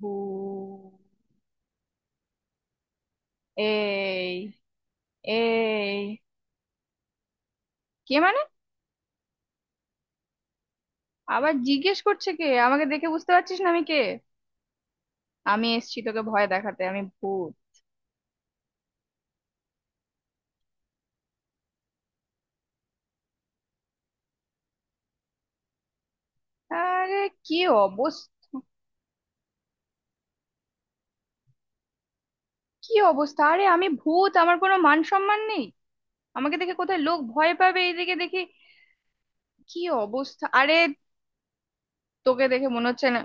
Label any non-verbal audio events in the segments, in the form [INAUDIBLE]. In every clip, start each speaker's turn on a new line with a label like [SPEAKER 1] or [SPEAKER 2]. [SPEAKER 1] বু। এই এই কে মানে? আবার জিজ্ঞেস করছে কে? আমাকে দেখে বুঝতে পারছিস না আমি কে? আমি এসছি তোকে ভয় দেখাতে, আমি ভূত। আরে কি অবস্থা! কি অবস্থা আরে, আমি ভূত, আমার কোনো মান সম্মান নেই। আমাকে দেখে কোথায় লোক ভয় পাবে, এইদিকে দেখি কি অবস্থা! আরে তোকে দেখে মনে হচ্ছে না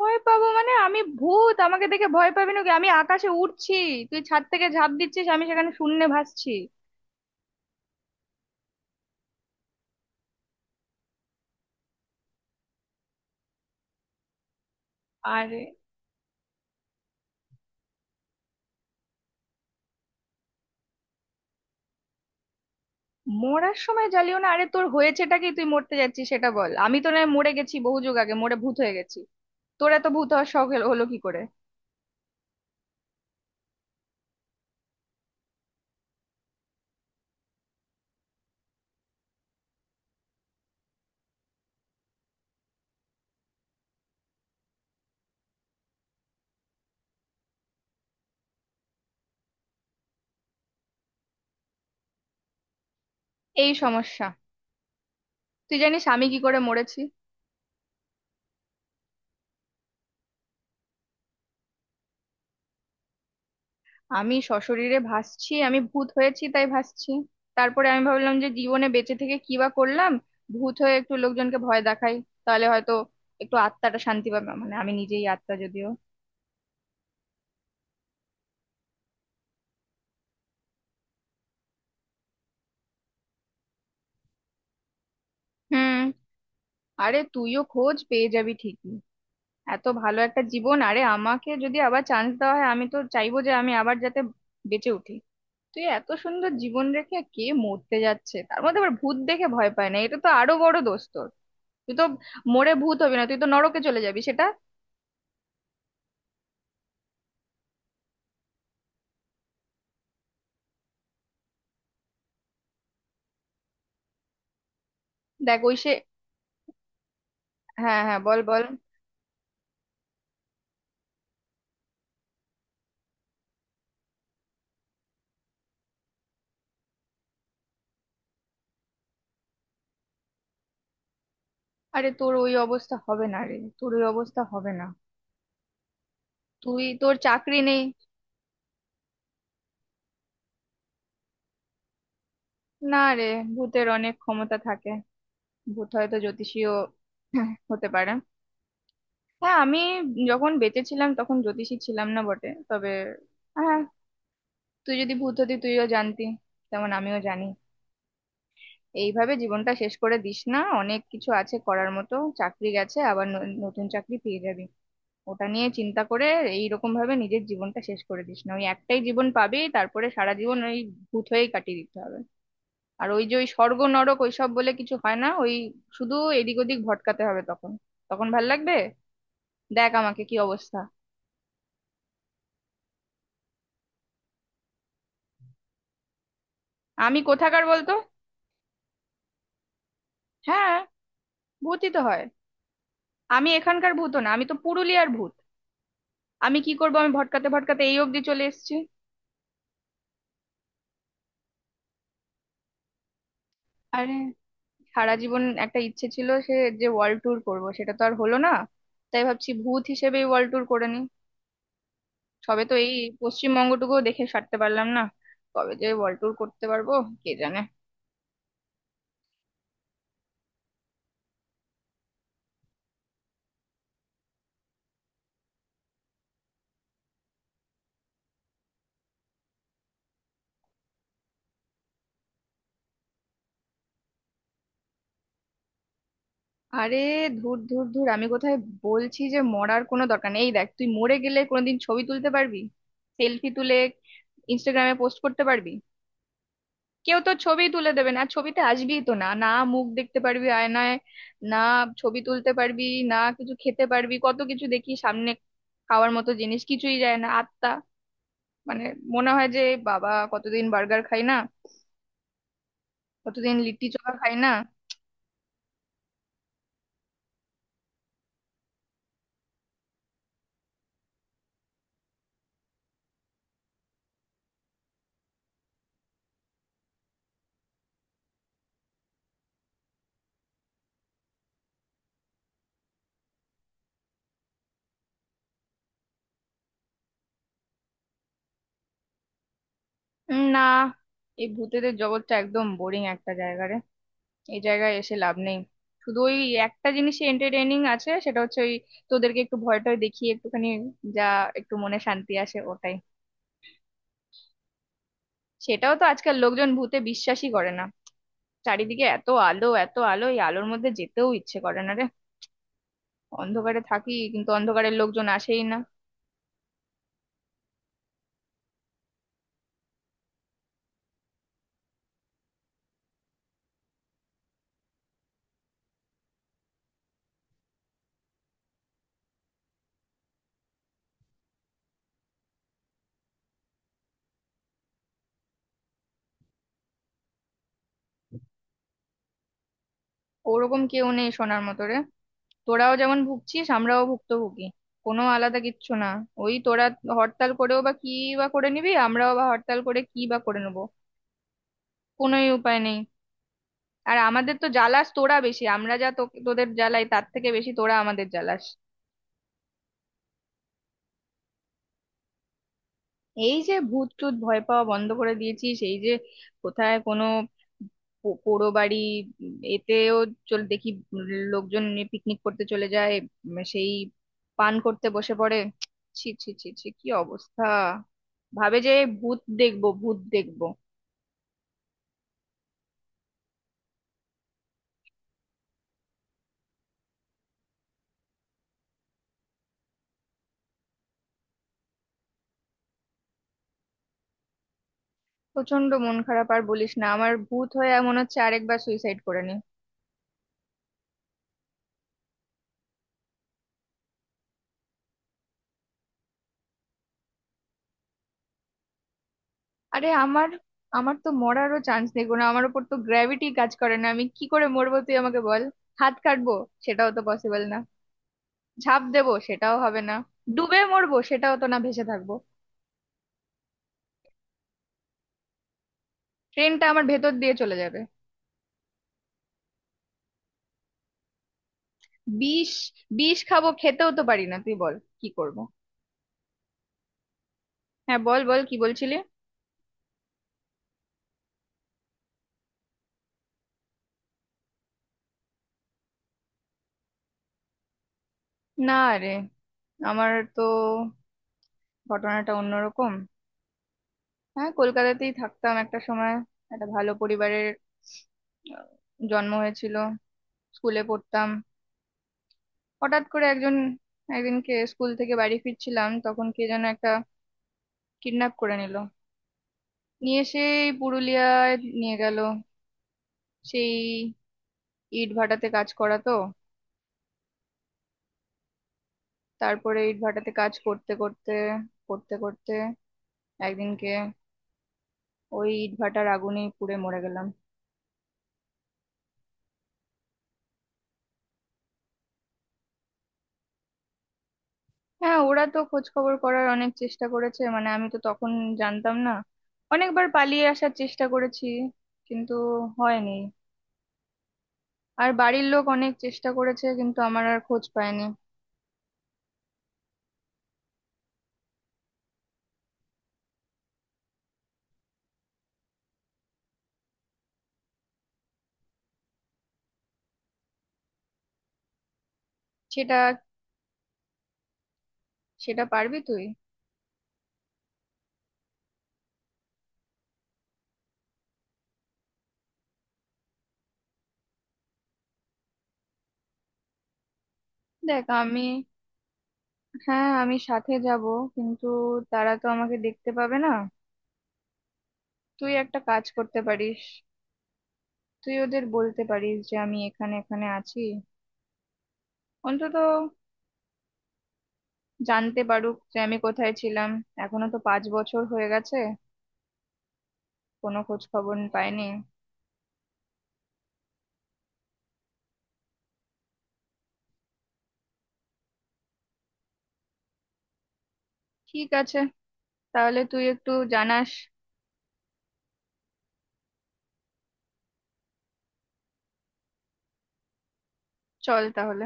[SPEAKER 1] ভয় পাবো মানে? আমি ভূত, আমাকে দেখে ভয় পাবি না? কি আমি আকাশে উড়ছি, তুই ছাদ থেকে ঝাঁপ দিচ্ছিস, আমি সেখানে শূন্যে ভাসছি। আরে মরার সময় জ্বালিও না? আরে তোর হয়েছেটা কি, তুই মরতে যাচ্ছিস সেটা বল, আমি তো নয় মরে গেছি, বহু যুগ আগে মরে ভূত হয়ে গেছি। তোর এত ভূত হওয়ার শখ হলো হলো কি করে? এই সমস্যা। তুই জানিস আমি কি করে মরেছি? আমি সশরীরে ভাসছি, আমি ভূত হয়েছি তাই ভাসছি। তারপরে আমি ভাবলাম যে জীবনে বেঁচে থেকে কি বা করলাম, ভূত হয়ে একটু লোকজনকে ভয় দেখাই, তাহলে হয়তো একটু আত্মাটা শান্তি পাবে, মানে আমি নিজেই আত্মা যদিও। হুম। আরে তুইও খোঁজ পেয়ে যাবি ঠিকই। এত ভালো একটা জীবন, আরে আমাকে যদি আবার চান্স দেওয়া হয় আমি তো চাইবো যে আমি আবার যাতে বেঁচে উঠি। তুই এত সুন্দর জীবন রেখে কে মরতে যাচ্ছে, তার মধ্যে আবার ভূত দেখে ভয় পায় না, এটা তো আরো বড় দোষ তোর। তুই তো মরে ভূত হবি না, তুই তো নরকে চলে যাবি সেটা। দেখ ওই সে, হ্যাঁ হ্যাঁ বল বল। আরে তোর ওই অবস্থা হবে না রে, তোর ওই অবস্থা হবে না। তুই তোর চাকরি নেই। না রে, ভূতের অনেক ক্ষমতা থাকে, ভূত হয়তো জ্যোতিষীও [LAUGHS] হতে পারে। হ্যাঁ আমি যখন বেঁচে ছিলাম তখন জ্যোতিষী ছিলাম না বটে, তবে হ্যাঁ, তুই যদি ভূত হতি তুইও জানতি, তেমন আমিও জানি। এইভাবে জীবনটা শেষ করে দিস না, অনেক কিছু আছে করার মতো, চাকরি গেছে আবার নতুন চাকরি পেয়ে যাবি। ওটা নিয়ে চিন্তা করে এইরকম ভাবে নিজের জীবনটা শেষ করে দিস না, ওই একটাই জীবন পাবি, তারপরে সারা জীবন ওই ভূত হয়েই কাটিয়ে দিতে হবে। আর ওই যে ওই স্বর্গ নরক ওইসব বলে কিছু হয় না, ওই শুধু এদিক ওদিক ভটকাতে হবে তখন, তখন ভাল লাগবে। দেখ আমাকে কি অবস্থা। আমি কোথাকার বলতো? হ্যাঁ ভূতই তো হয়। আমি এখানকার ভূত না, আমি তো পুরুলিয়ার ভূত, আমি কি করবো, আমি ভটকাতে ভটকাতে এই অবধি চলে এসেছি। আরে সারা জীবন একটা ইচ্ছে ছিল সে, যে ওয়ার্ল্ড ট্যুর করবো, সেটা তো আর হলো না, তাই ভাবছি ভূত হিসেবেই ওয়ার্ল্ড ট্যুর করে নি। সবে তো এই পশ্চিমবঙ্গটুকু দেখে সারতে পারলাম না, কবে যে ওয়ার্ল্ড ট্যুর করতে পারবো কে জানে। আরে ধুর ধুর ধুর, আমি কোথায়! বলছি যে মরার কোনো দরকার নেই, এই দেখ তুই মরে গেলে কোনোদিন ছবি তুলতে পারবি? সেলফি তুলে ইনস্টাগ্রামে পোস্ট করতে পারবি? কেউ তোর ছবি তুলে দেবে না, ছবিতে আসবিই তো না, না মুখ দেখতে পারবি আয়নায়, না ছবি তুলতে পারবি, না কিছু খেতে পারবি। কত কিছু দেখি সামনে খাওয়ার মতো জিনিস, কিছুই যায় না আত্মা মানে, মনে হয় যে বাবা কতদিন বার্গার খাই না, কতদিন লিট্টি চোখা খাই না। না, এই ভূতেদের জগৎটা একদম বোরিং একটা জায়গা রে, এই জায়গায় এসে লাভ নেই। শুধু ওই একটা জিনিসে এন্টারটেইনিং আছে, সেটা হচ্ছে ওই তোদেরকে একটু ভয়টা দেখিয়ে একটুখানি, যা, একটু মনে শান্তি আসে ওটাই। সেটাও তো আজকাল লোকজন ভূতে বিশ্বাসই করে না। চারিদিকে এত আলো এত আলো, এই আলোর মধ্যে যেতেও ইচ্ছে করে না রে, অন্ধকারে থাকি কিন্তু অন্ধকারের লোকজন আসেই না। ওরকম কেউ নেই সোনার মতো রে, তোরাও যেমন ভুগছিস আমরাও ভুক্তভোগী, কোনো আলাদা কিচ্ছু না। ওই তোরা হরতাল করেও বা কি বা করে নিবি, আমরাও বা হরতাল করে কি বা করে নেবো, কোনোই উপায় নেই। আর আমাদের তো জ্বালাস তোরা বেশি, আমরা যা তোদের জ্বালাই তার থেকে বেশি তোরা আমাদের জ্বালাস। এই যে ভূত টুত ভয় পাওয়া বন্ধ করে দিয়েছিস, এই যে কোথায় কোনো পোড়ো বাড়ি, এতেও চল দেখি লোকজন পিকনিক করতে চলে যায়, সেই পান করতে বসে পড়ে। ছি ছি ছি ছি কি অবস্থা, ভাবে যে ভূত দেখবো ভূত দেখবো। প্রচন্ড মন খারাপ, আর বলিস না, আমার ভূত হয়ে মনে হচ্ছে আরেকবার সুইসাইড করে নি। আরে আমার আমার তো মরারও চান্স দেখবো না, আমার উপর তো গ্র্যাভিটি কাজ করে না, আমি কি করে মরবো তুই আমাকে বল। হাত কাটবো, সেটাও তো পসিবল না, ঝাঁপ দেবো সেটাও হবে না, ডুবে মরবো সেটাও তো না, ভেসে থাকবো। ট্রেনটা আমার ভেতর দিয়ে চলে যাবে। বিষ, বিষ খাবো, খেতেও তো পারি না, তুই বল কি করব। হ্যাঁ বল বল, কি বলছিলি? না রে, আমার তো ঘটনাটা অন্যরকম। হ্যাঁ কলকাতাতেই থাকতাম একটা সময়, একটা ভালো পরিবারের আহ, জন্ম হয়েছিল, স্কুলে পড়তাম। হঠাৎ করে একজন, একদিনকে স্কুল থেকে বাড়ি ফিরছিলাম তখন কে যেন একটা কিডন্যাপ করে নিল, নিয়ে সেই পুরুলিয়ায় নিয়ে গেল, সেই ইট ভাটাতে কাজ করা তো। তারপরে ইট ভাটাতে কাজ করতে করতে করতে করতে একদিনকে ওই ইট ভাটার আগুনেই পুড়ে মরে গেলাম। হ্যাঁ ওরা তো খোঁজ খবর করার অনেক চেষ্টা করেছে, মানে আমি তো তখন জানতাম না, অনেকবার পালিয়ে আসার চেষ্টা করেছি কিন্তু হয়নি, আর বাড়ির লোক অনেক চেষ্টা করেছে কিন্তু আমার আর খোঁজ পায়নি। সেটা, সেটা পারবি তুই? দেখ আমি, হ্যাঁ আমি সাথে যাব, কিন্তু তারা তো আমাকে দেখতে পাবে না। তুই একটা কাজ করতে পারিস, তুই ওদের বলতে পারিস যে আমি এখানে এখানে আছি, অন্তত জানতে পারুক যে আমি কোথায় ছিলাম। এখনো তো 5 বছর হয়ে গেছে, কোনো খোঁজ খবর পাইনি। ঠিক আছে, তাহলে তুই একটু জানাস। চল তাহলে।